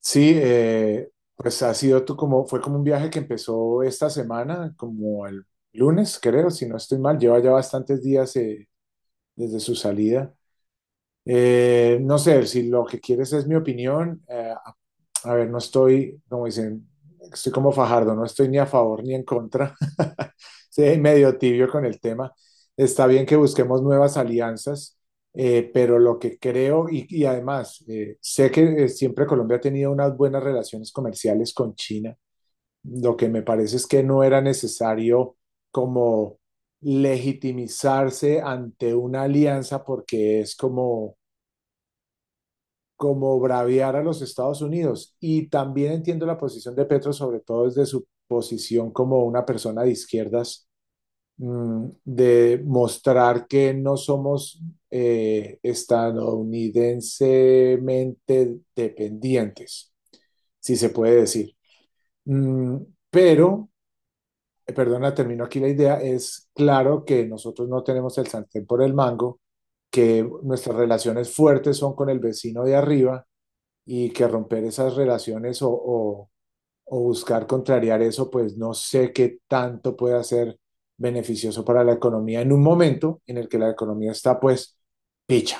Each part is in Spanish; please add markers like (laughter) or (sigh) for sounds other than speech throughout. Sí, pues ha sido fue como un viaje que empezó esta semana, como el lunes, creo, si no estoy mal, lleva ya bastantes días desde su salida. No sé, si lo que quieres es mi opinión, a ver, no estoy, como dicen, estoy como Fajardo, no estoy ni a favor ni en contra. (laughs) Sí, medio tibio con el tema. Está bien que busquemos nuevas alianzas, pero lo que creo, y además, sé que siempre Colombia ha tenido unas buenas relaciones comerciales con China. Lo que me parece es que no era necesario como legitimizarse ante una alianza porque es como braviar a los Estados Unidos. Y también entiendo la posición de Petro, sobre todo desde su posición como una persona de izquierdas, de mostrar que no somos estadounidensemente dependientes, si se puede decir. Mm, pero, perdona, termino aquí la idea, es claro que nosotros no tenemos el sartén por el mango, que nuestras relaciones fuertes son con el vecino de arriba y que romper esas relaciones o buscar contrariar eso, pues no sé qué tanto pueda ser beneficioso para la economía en un momento en el que la economía está pues picha.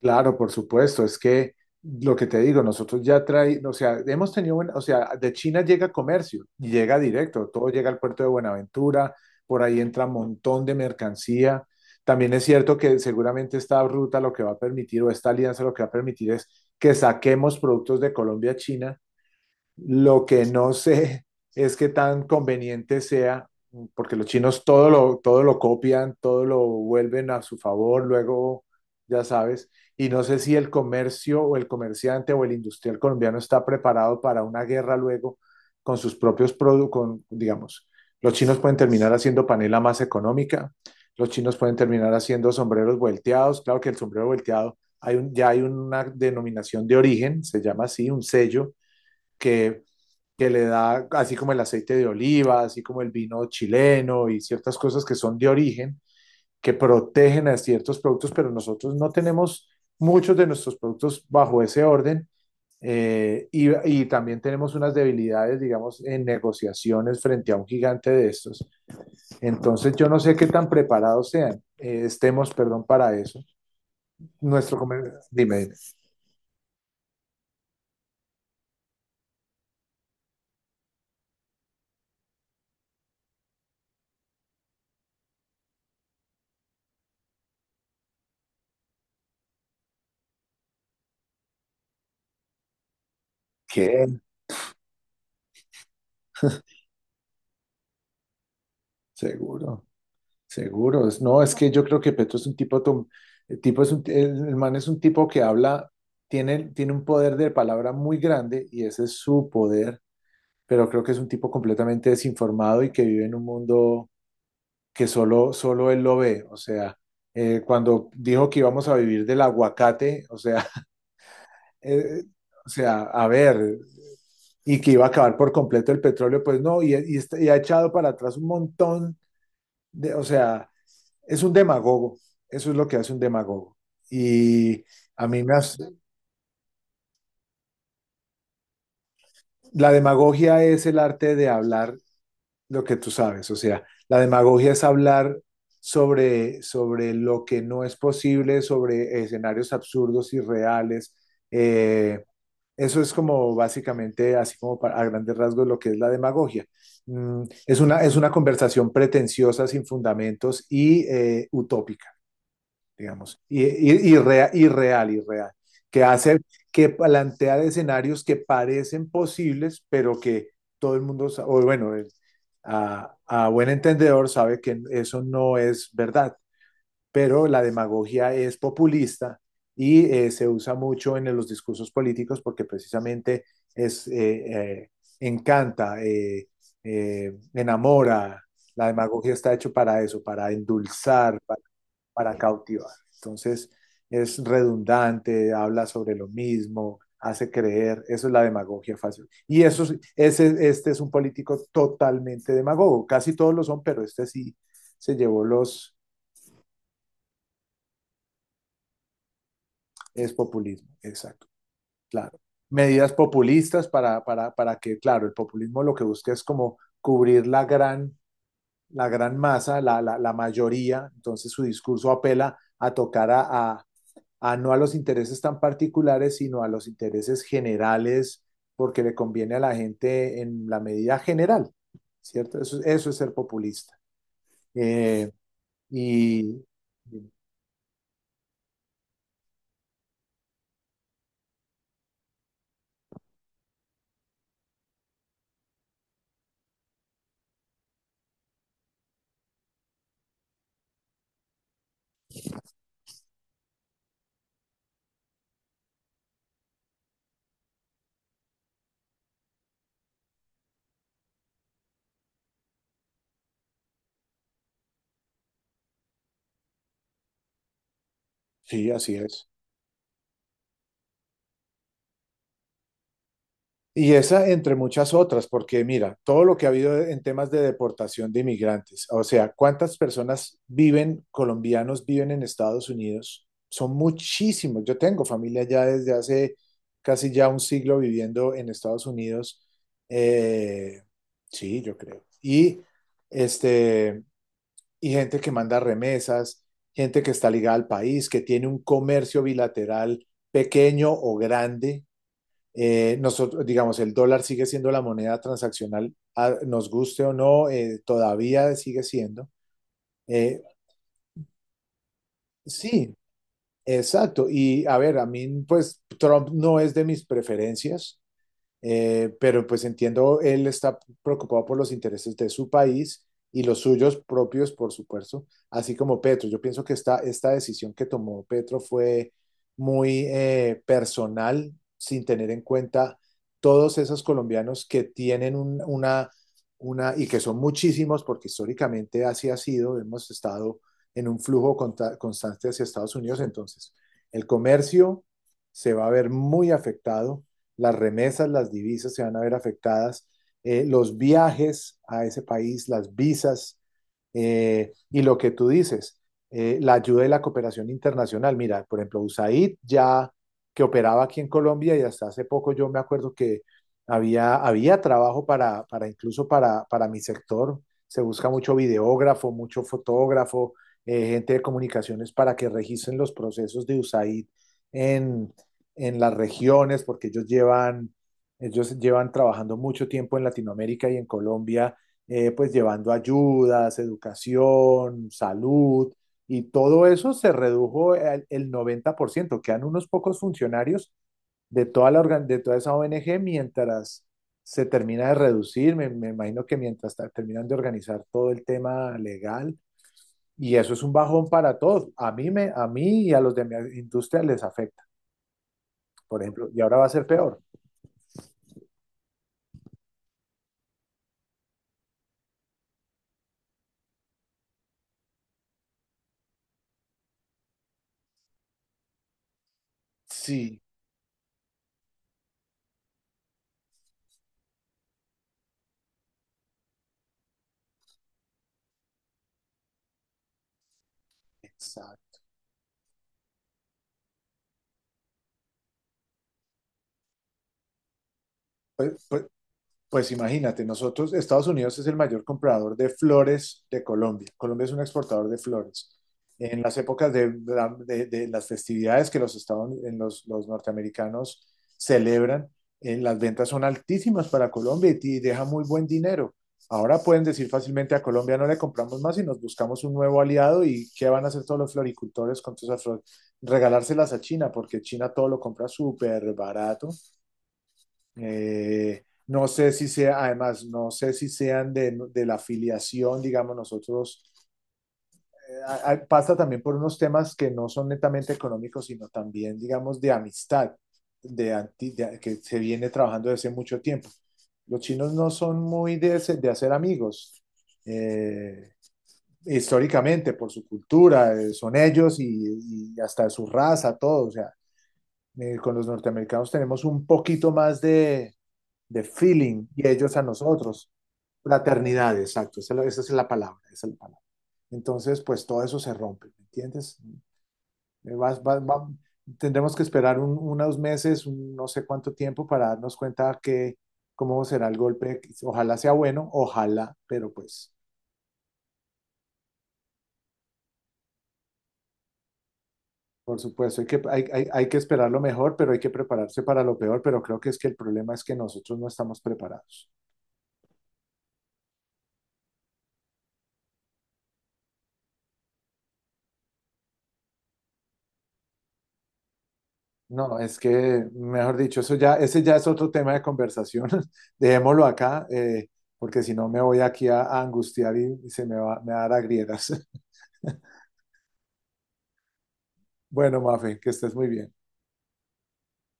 Claro, por supuesto, es que lo que te digo, nosotros ya trae, o sea, hemos tenido, o sea, de China llega comercio, y llega directo, todo llega al puerto de Buenaventura, por ahí entra un montón de mercancía. También es cierto que seguramente esta ruta lo que va a permitir o esta alianza lo que va a permitir es que saquemos productos de Colombia a China, lo que no sé es qué tan conveniente sea, porque los chinos todo lo copian, todo lo vuelven a su favor, luego, ya sabes, y no sé si el comercio o el comerciante o el industrial colombiano está preparado para una guerra luego con sus propios productos, digamos, los chinos pueden terminar haciendo panela más económica, los chinos pueden terminar haciendo sombreros volteados, claro que el sombrero volteado, ya hay una denominación de origen, se llama así, un sello que que le da, así como el aceite de oliva, así como el vino chileno y ciertas cosas que son de origen, que protegen a ciertos productos, pero nosotros no tenemos muchos de nuestros productos bajo ese orden. También tenemos unas debilidades, digamos, en negociaciones frente a un gigante de estos. Entonces, yo no sé qué tan preparados estemos, perdón, para eso. Nuestro comercio, dime, ¿qué? (laughs) Seguro. Seguro, no, es que yo creo que Petro es un el tipo es un, el man es un tipo que habla, tiene un poder de palabra muy grande y ese es su poder, pero creo que es un tipo completamente desinformado y que vive en un mundo que solo él lo ve. O sea, cuando dijo que íbamos a vivir del aguacate, o sea, (laughs) eh, o sea, a ver, y que iba a acabar por completo el petróleo, pues no, y ha echado para atrás un montón o sea es un demagogo, eso es lo que hace un demagogo. Y a mí me hace, la demagogia es el arte de hablar lo que tú sabes, o sea, la demagogia es hablar sobre lo que no es posible, sobre escenarios absurdos, irreales. Eh, Eso es como básicamente, así como para, a grandes rasgos, lo que es la demagogia. Es una conversación pretenciosa, sin fundamentos y utópica, digamos, irreal, irreal, que hace, que plantea escenarios que parecen posibles, pero que todo el mundo, sa- o bueno, el- a buen entendedor sabe que eso no es verdad, pero la demagogia es populista y se usa mucho en los discursos políticos porque precisamente es, eh, eh, encanta, enamora. La demagogia está hecho para eso, para endulzar, para cautivar. Entonces es redundante, habla sobre lo mismo, hace creer, eso es la demagogia fácil. Y eso, este es un político totalmente demagogo, casi todos lo son, pero este sí se llevó los, es populismo, exacto, claro. Medidas populistas para que, claro, el populismo lo que busca es como cubrir la gran, la mayoría, entonces su discurso apela a tocar a, a no a los intereses tan particulares, sino a los intereses generales, porque le conviene a la gente en la medida general, ¿cierto? Eso es ser populista. Eh, y sí, así es. Y esa entre muchas otras, porque mira, todo lo que ha habido en temas de deportación de inmigrantes, o sea, colombianos viven en Estados Unidos, son muchísimos. Yo tengo familia ya desde hace casi ya un siglo viviendo en Estados Unidos. Eh, sí, yo creo. Este, y gente que manda remesas, gente que está ligada al país, que tiene un comercio bilateral pequeño o grande, nosotros, digamos, el dólar sigue siendo la moneda transaccional, nos guste o no, todavía sigue siendo. Eh, sí, exacto. Y a ver, a mí, pues Trump no es de mis preferencias. Pero pues entiendo, él está preocupado por los intereses de su país y los suyos propios, por supuesto, así como Petro. Yo pienso que esta decisión que tomó Petro fue muy personal, sin tener en cuenta todos esos colombianos que tienen una, y que son muchísimos, porque históricamente así ha sido, hemos estado en un flujo constante hacia Estados Unidos, entonces el comercio se va a ver muy afectado, las remesas, las divisas se van a ver afectadas, los viajes a ese país, las visas, y lo que tú dices, la ayuda y la cooperación internacional. Mira, por ejemplo, USAID ya que operaba aquí en Colombia y hasta hace poco yo me acuerdo que había trabajo para incluso para mi sector. Se busca mucho videógrafo, mucho fotógrafo, gente de comunicaciones para que registren los procesos de USAID en, en las regiones, porque ellos llevan trabajando mucho tiempo en Latinoamérica y en Colombia, pues llevando ayudas, educación, salud, y todo eso se redujo 90%, quedan unos pocos funcionarios de de toda esa ONG mientras se termina de reducir, me imagino que mientras terminan de organizar todo el tema legal, y eso es un bajón para todos, a mí y a los de mi industria les afecta, por ejemplo, y ahora va a ser peor. Sí, exacto. Pues, pues- pues imagínate, nosotros, Estados Unidos es el mayor comprador de flores de Colombia. Colombia es un exportador de flores. En las épocas de, de las festividades que los, estados, en los norteamericanos celebran, las ventas son altísimas para Colombia y deja muy buen dinero. Ahora pueden decir fácilmente a Colombia no le compramos más y nos buscamos un nuevo aliado y ¿qué van a hacer todos los floricultores con todas esas flores? Regalárselas a China porque China todo lo compra súper barato. No sé si sea, además, no sé si sean de la afiliación, digamos, nosotros, eh, pasa también por unos temas que no son netamente económicos, sino también, digamos, de amistad, que se viene trabajando desde mucho tiempo. Los chinos no son muy de, de hacer amigos, eh, históricamente, por su cultura, son ellos y hasta su raza, todo, o sea, con los norteamericanos tenemos un poquito más de feeling y ellos a nosotros. Fraternidad, exacto, esa es la palabra, esa es la palabra. Entonces, pues todo eso se rompe, ¿me entiendes? Eh, vas- va- va- tendremos que esperar unos meses, un no sé cuánto tiempo para darnos cuenta que cómo será el golpe. Ojalá sea bueno, ojalá, pero pues, por supuesto, hay que esperar lo mejor, pero hay que prepararse para lo peor, pero creo que es que el problema es que nosotros no estamos preparados. No, es que, mejor dicho, ese ya es otro tema de conversación. (laughs) Dejémoslo acá, porque si no me voy aquí a angustiar y, me va a dar agrieras. (laughs) Bueno, Mafe, que estés muy bien.